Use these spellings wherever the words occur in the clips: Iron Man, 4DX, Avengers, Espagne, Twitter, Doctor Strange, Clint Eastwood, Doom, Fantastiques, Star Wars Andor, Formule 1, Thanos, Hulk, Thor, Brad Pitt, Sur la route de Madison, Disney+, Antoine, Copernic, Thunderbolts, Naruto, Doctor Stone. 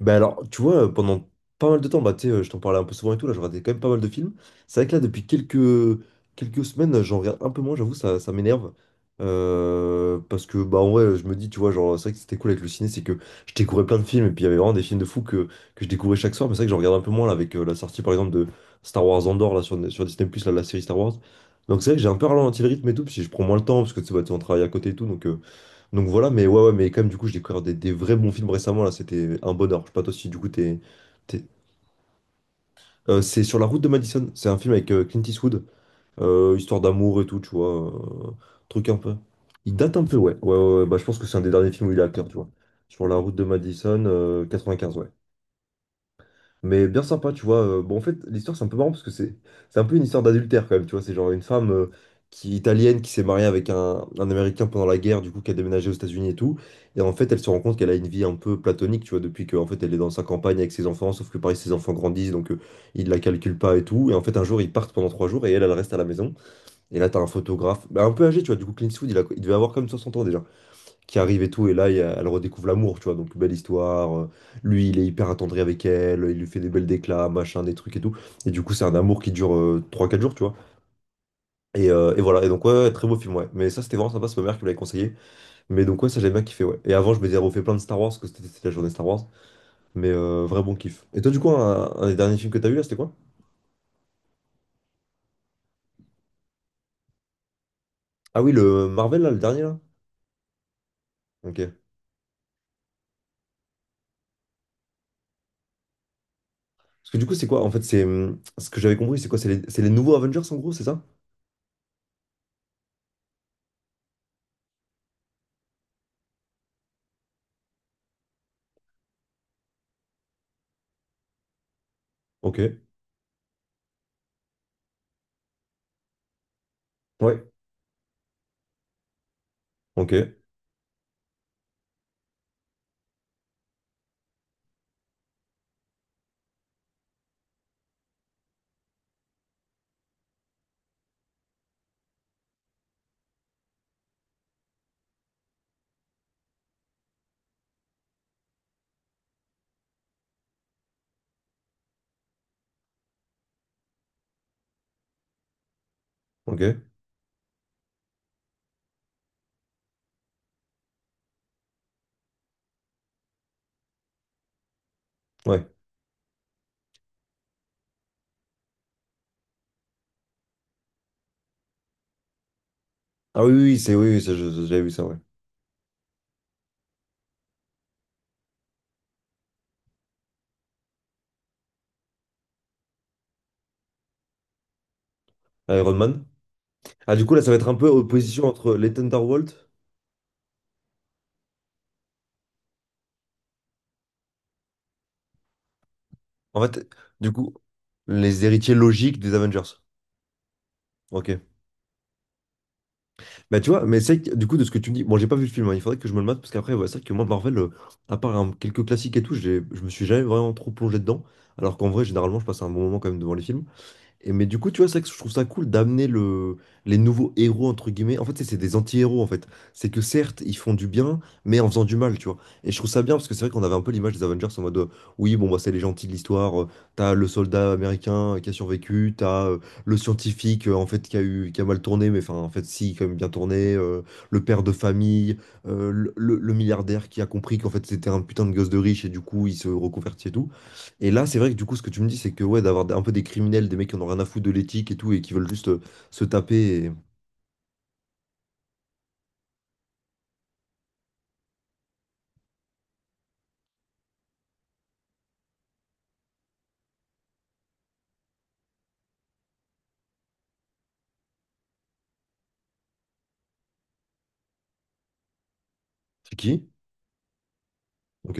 Bah alors, tu vois, pendant pas mal de temps, bah, tu sais, je t'en parlais un peu souvent et tout, là, je regardais quand même pas mal de films. C'est vrai que là, depuis quelques semaines, j'en regarde un peu moins, j'avoue, ça m'énerve. Parce que, bah, en vrai, je me dis, tu vois, genre, c'est vrai que c'était cool avec le ciné, c'est que je découvrais plein de films, et puis il y avait vraiment des films de fous que je découvrais chaque soir, mais c'est vrai que j'en regarde un peu moins, là, avec la sortie, par exemple, de Star Wars Andor, là, sur Disney+, là, la série Star Wars. Donc c'est vrai que j'ai un peu ralenti le rythme et tout, puis je prends moins le temps, parce que, tu sais, bah, tu sais, on travaille à côté et tout, donc voilà, mais ouais, ouais, mais quand même, du coup, j'ai découvert des vrais bons films récemment, là, c'était un bonheur. Je sais pas toi si, du coup, t'es... c'est Sur la route de Madison, c'est un film avec Clint Eastwood, histoire d'amour et tout, tu vois, euh, truc un peu... Il date un peu, ouais. Ouais, ouais, ouais, bah je pense que c'est un des derniers films où il est acteur, tu vois. Sur la route de Madison, 95, ouais. Mais bien sympa, tu vois. Bon, en fait, l'histoire, c'est un peu marrant parce que c'est un peu une histoire d'adultère quand même, tu vois. C'est genre une femme qui, italienne qui s'est mariée avec un Américain pendant la guerre, du coup, qui a déménagé aux États-Unis et tout. Et en fait, elle se rend compte qu'elle a une vie un peu platonique, tu vois, depuis qu'en fait, elle est dans sa campagne avec ses enfants, sauf que pareil, ses enfants grandissent, il la calcule pas et tout. Et en fait, un jour, ils partent pendant 3 jours et elle, elle reste à la maison. Et là, t'as un photographe, bah, un peu âgé, tu vois, du coup, Clint Eastwood, il devait avoir comme 60 ans déjà qui arrive et tout, et là, elle redécouvre l'amour, tu vois, donc belle histoire, lui, il est hyper attendri avec elle, il lui fait des belles déclats, machin, des trucs et tout, et du coup, c'est un amour qui dure 3-4 jours, tu vois, et voilà, et donc, ouais, ouais, très beau film, ouais, mais ça, c'était vraiment sympa, c'est ma mère qui me l'avait conseillé, mais donc, ouais, ça, j'ai bien kiffé, ouais, et avant, je me m'étais refait plein de Star Wars, parce que c'était la journée Star Wars, mais vrai bon kiff. Et toi, du coup, un des derniers films que t'as vu, là, c'était quoi? Ah oui, le Marvel, là, le dernier, là? Ok. Parce que du coup, c'est quoi? En fait, c'est, ce que j'avais compris, c'est quoi? C'est les nouveaux Avengers, en gros, c'est ça? Ok. Ouais. Ok. Ok. Ouais. Ah oui, oui, c'est oui, oui, ça, j'avais vu ça, ouais. Iron Man. Ah, du coup, là, ça va être un peu opposition entre les Thunderbolts. En fait, du coup, les héritiers logiques des Avengers. Ok. Bah, tu vois, mais c'est que, du coup, de ce que tu me dis, bon, j'ai pas vu le film, hein, il faudrait que je me le mate, parce qu'après, ouais, c'est vrai que moi, Marvel, à part hein, quelques classiques et tout, je me suis jamais vraiment trop plongé dedans. Alors qu'en vrai, généralement, je passe un bon moment quand même devant les films. Et, mais du coup, tu vois, c'est vrai que je trouve ça cool d'amener les nouveaux héros, entre guillemets. En fait, c'est des anti-héros, en fait. C'est que certes, ils font du bien, mais en faisant du mal, tu vois. Et je trouve ça bien, parce que c'est vrai qu'on avait un peu l'image des Avengers en mode, oui, bon, bah, c'est les gentils de l'histoire. T'as le soldat américain qui a survécu, t'as le scientifique, en fait, qui a mal tourné, mais enfin, en fait, si, quand même bien tourné. Le père de famille, le milliardaire qui a compris qu'en fait, c'était un putain de gosse de riche, et du coup, il se reconvertit et tout. Et là, c'est vrai que du coup, ce que tu me dis, c'est que ouais, d'avoir un peu des criminels, des mecs qui en ont rien à foutre de l'éthique et tout, et qui veulent juste se taper. C'est qui? Ok,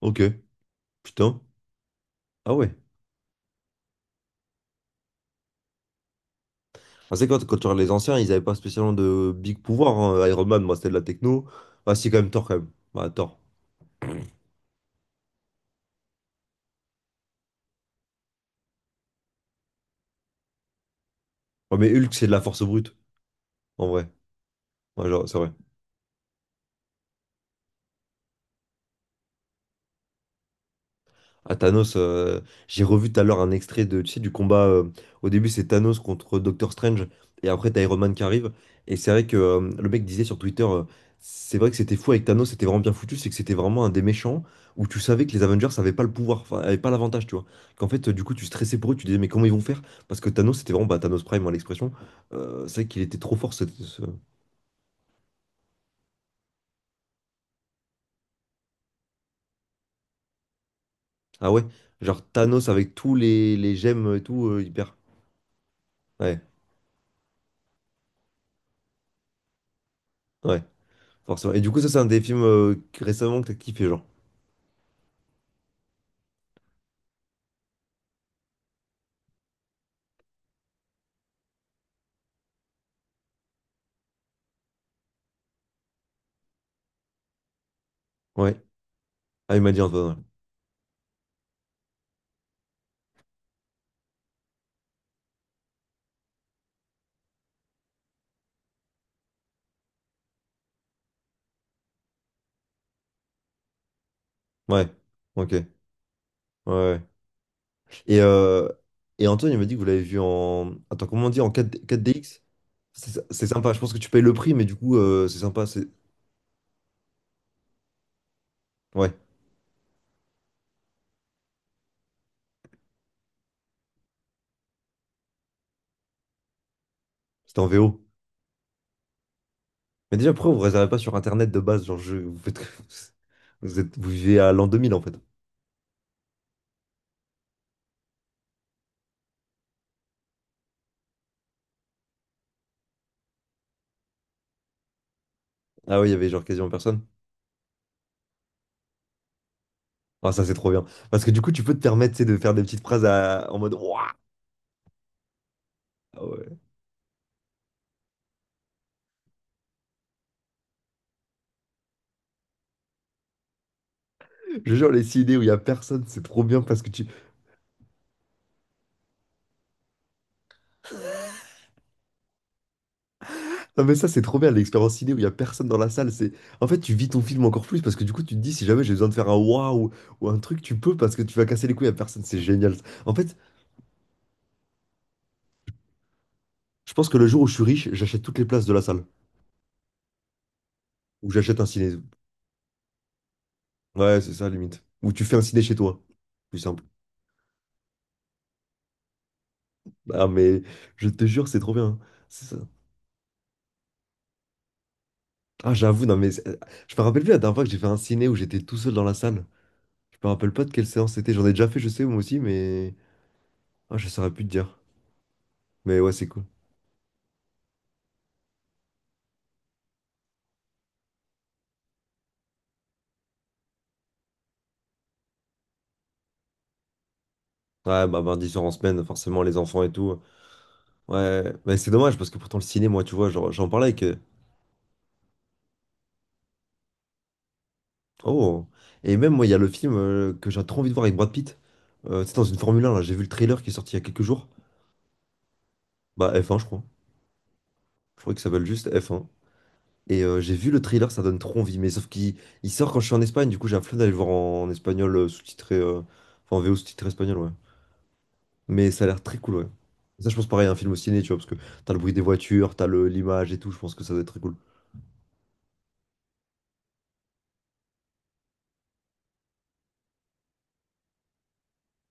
ok, putain. Ah ouais. Ah, c'est quand tu regardes les anciens, ils avaient pas spécialement de big pouvoir. Hein. Iron Man, moi, c'était de la techno. Ah, si, quand même, Thor, quand même. Bah, Thor. Ouais, mais Hulk, c'est de la force brute, en vrai. Ouais, genre, c'est vrai. À Thanos, j'ai revu tout à l'heure un extrait de, tu sais, du combat. Au début, c'est Thanos contre Doctor Strange, et après, t'as Iron Man qui arrive. Et c'est vrai que le mec disait sur Twitter, c'est vrai que c'était fou avec Thanos, c'était vraiment bien foutu, c'est que c'était vraiment un des méchants où tu savais que les Avengers n'avaient pas le pouvoir, enfin, avaient pas l'avantage, tu vois. Qu'en fait, du coup, tu stressais pour eux, tu disais, mais comment ils vont faire? Parce que Thanos, c'était vraiment bah, Thanos Prime, hein, l'expression. C'est vrai qu'il était trop fort. Ah ouais, genre Thanos avec tous les gemmes et tout, hyper. Ouais, ouais. Forcément. Et du coup, ça, c'est un des films récemment que t'as kiffé, genre. Ouais. Ah, il m'a dit Antoine. Ouais. Ouais. Ok. Ouais. ouais. Et, euh, et Antoine, il m'a dit que vous l'avez vu en. Attends, comment on dit? En quatre d 4DX? C'est sympa. Je pense que tu payes le prix, mais du coup, c'est sympa. C'est... Ouais. C'était en VO. Mais déjà, pourquoi vous réservez pas sur Internet de base? Genre, je... vous faites... vous êtes... vous vivez à l'an 2000 en fait. Ah oui, il y avait genre quasiment personne. Ah, ça, c'est trop bien. Parce que du coup, tu peux te permettre, tu sais, de faire des petites phrases à- en mode. Ouah. Ah ouais. Je jure, les idées où il y a personne, c'est trop bien parce que Non mais ça c'est trop bien l'expérience ciné où il y a personne dans la salle, c'est en fait tu vis ton film encore plus parce que du coup tu te dis si jamais j'ai besoin de faire un waouh ou un truc tu peux parce que tu vas casser les couilles à personne, c'est génial. En fait, je pense que le jour où je suis riche, j'achète toutes les places de la salle ou j'achète un ciné. Ouais, c'est ça limite. Ou tu fais un ciné chez toi, plus simple. Ah mais je te jure, c'est trop bien. Hein. C'est ça. Ah j'avoue non mais je me rappelle plus la dernière fois que j'ai fait un ciné où j'étais tout seul dans la salle. Je me rappelle pas de quelle séance c'était, j'en ai déjà fait je sais moi aussi mais ah je saurais plus te dire. Mais ouais, c'est cool. Ouais, bah, 10 heures en semaine, forcément, les enfants et tout. Ouais, mais c'est dommage parce que pourtant, le ciné, moi, tu vois, genre, j'en parlais avec. Oh! Et même, moi, il y a le film que j'ai trop envie de voir avec Brad Pitt. C'est dans une Formule 1, là. J'ai vu le trailer qui est sorti il y a quelques jours. Bah, F1 je crois. Je crois qu'il s'appelle juste F1 j'ai vu le trailer, ça donne trop envie. Mais sauf qu'il il sort quand je suis en Espagne, du coup, j'ai la flemme d'aller le voir en espagnol sous-titré. Enfin, en VO sous-titré espagnol, ouais. Mais ça a l'air très cool, ouais. Ça, je pense pareil, un film au ciné, tu vois, parce que t'as le bruit des voitures, l'image et tout, je pense que ça doit être très cool.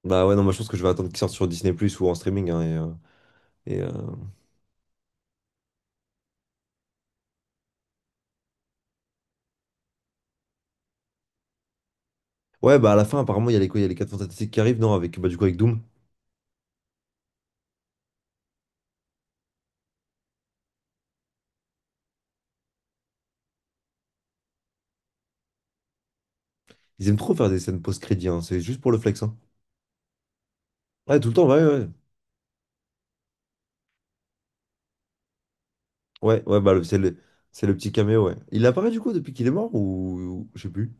Bah ouais, non, moi je pense que je vais attendre qu'il sorte sur Disney+, plus ou en streaming, hein, et, euh, Ouais, bah à la fin, apparemment, il y a les quoi, il y a les 4 Fantastiques qui arrivent, non, avec, bah du coup, avec Doom. Ils aiment trop faire des scènes post-crédit, hein, c'est juste pour le flex, hein. Ouais, tout le temps, ouais, ouais. Ouais, ouais, c'est c'est le petit caméo, ouais. Il apparaît du coup depuis qu'il est mort, ou- Je sais plus.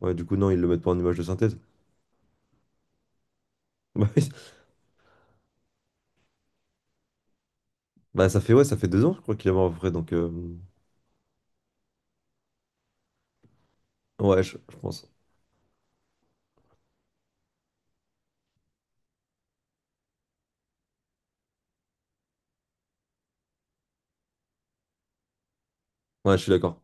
Ouais, du coup, non, ils le mettent pas en image de synthèse. Bah oui. Bah, ça fait, ouais, ça fait 2 ans, je crois qu'il est mort, à peu près, donc... Ouais, je pense. Ouais, je suis d'accord.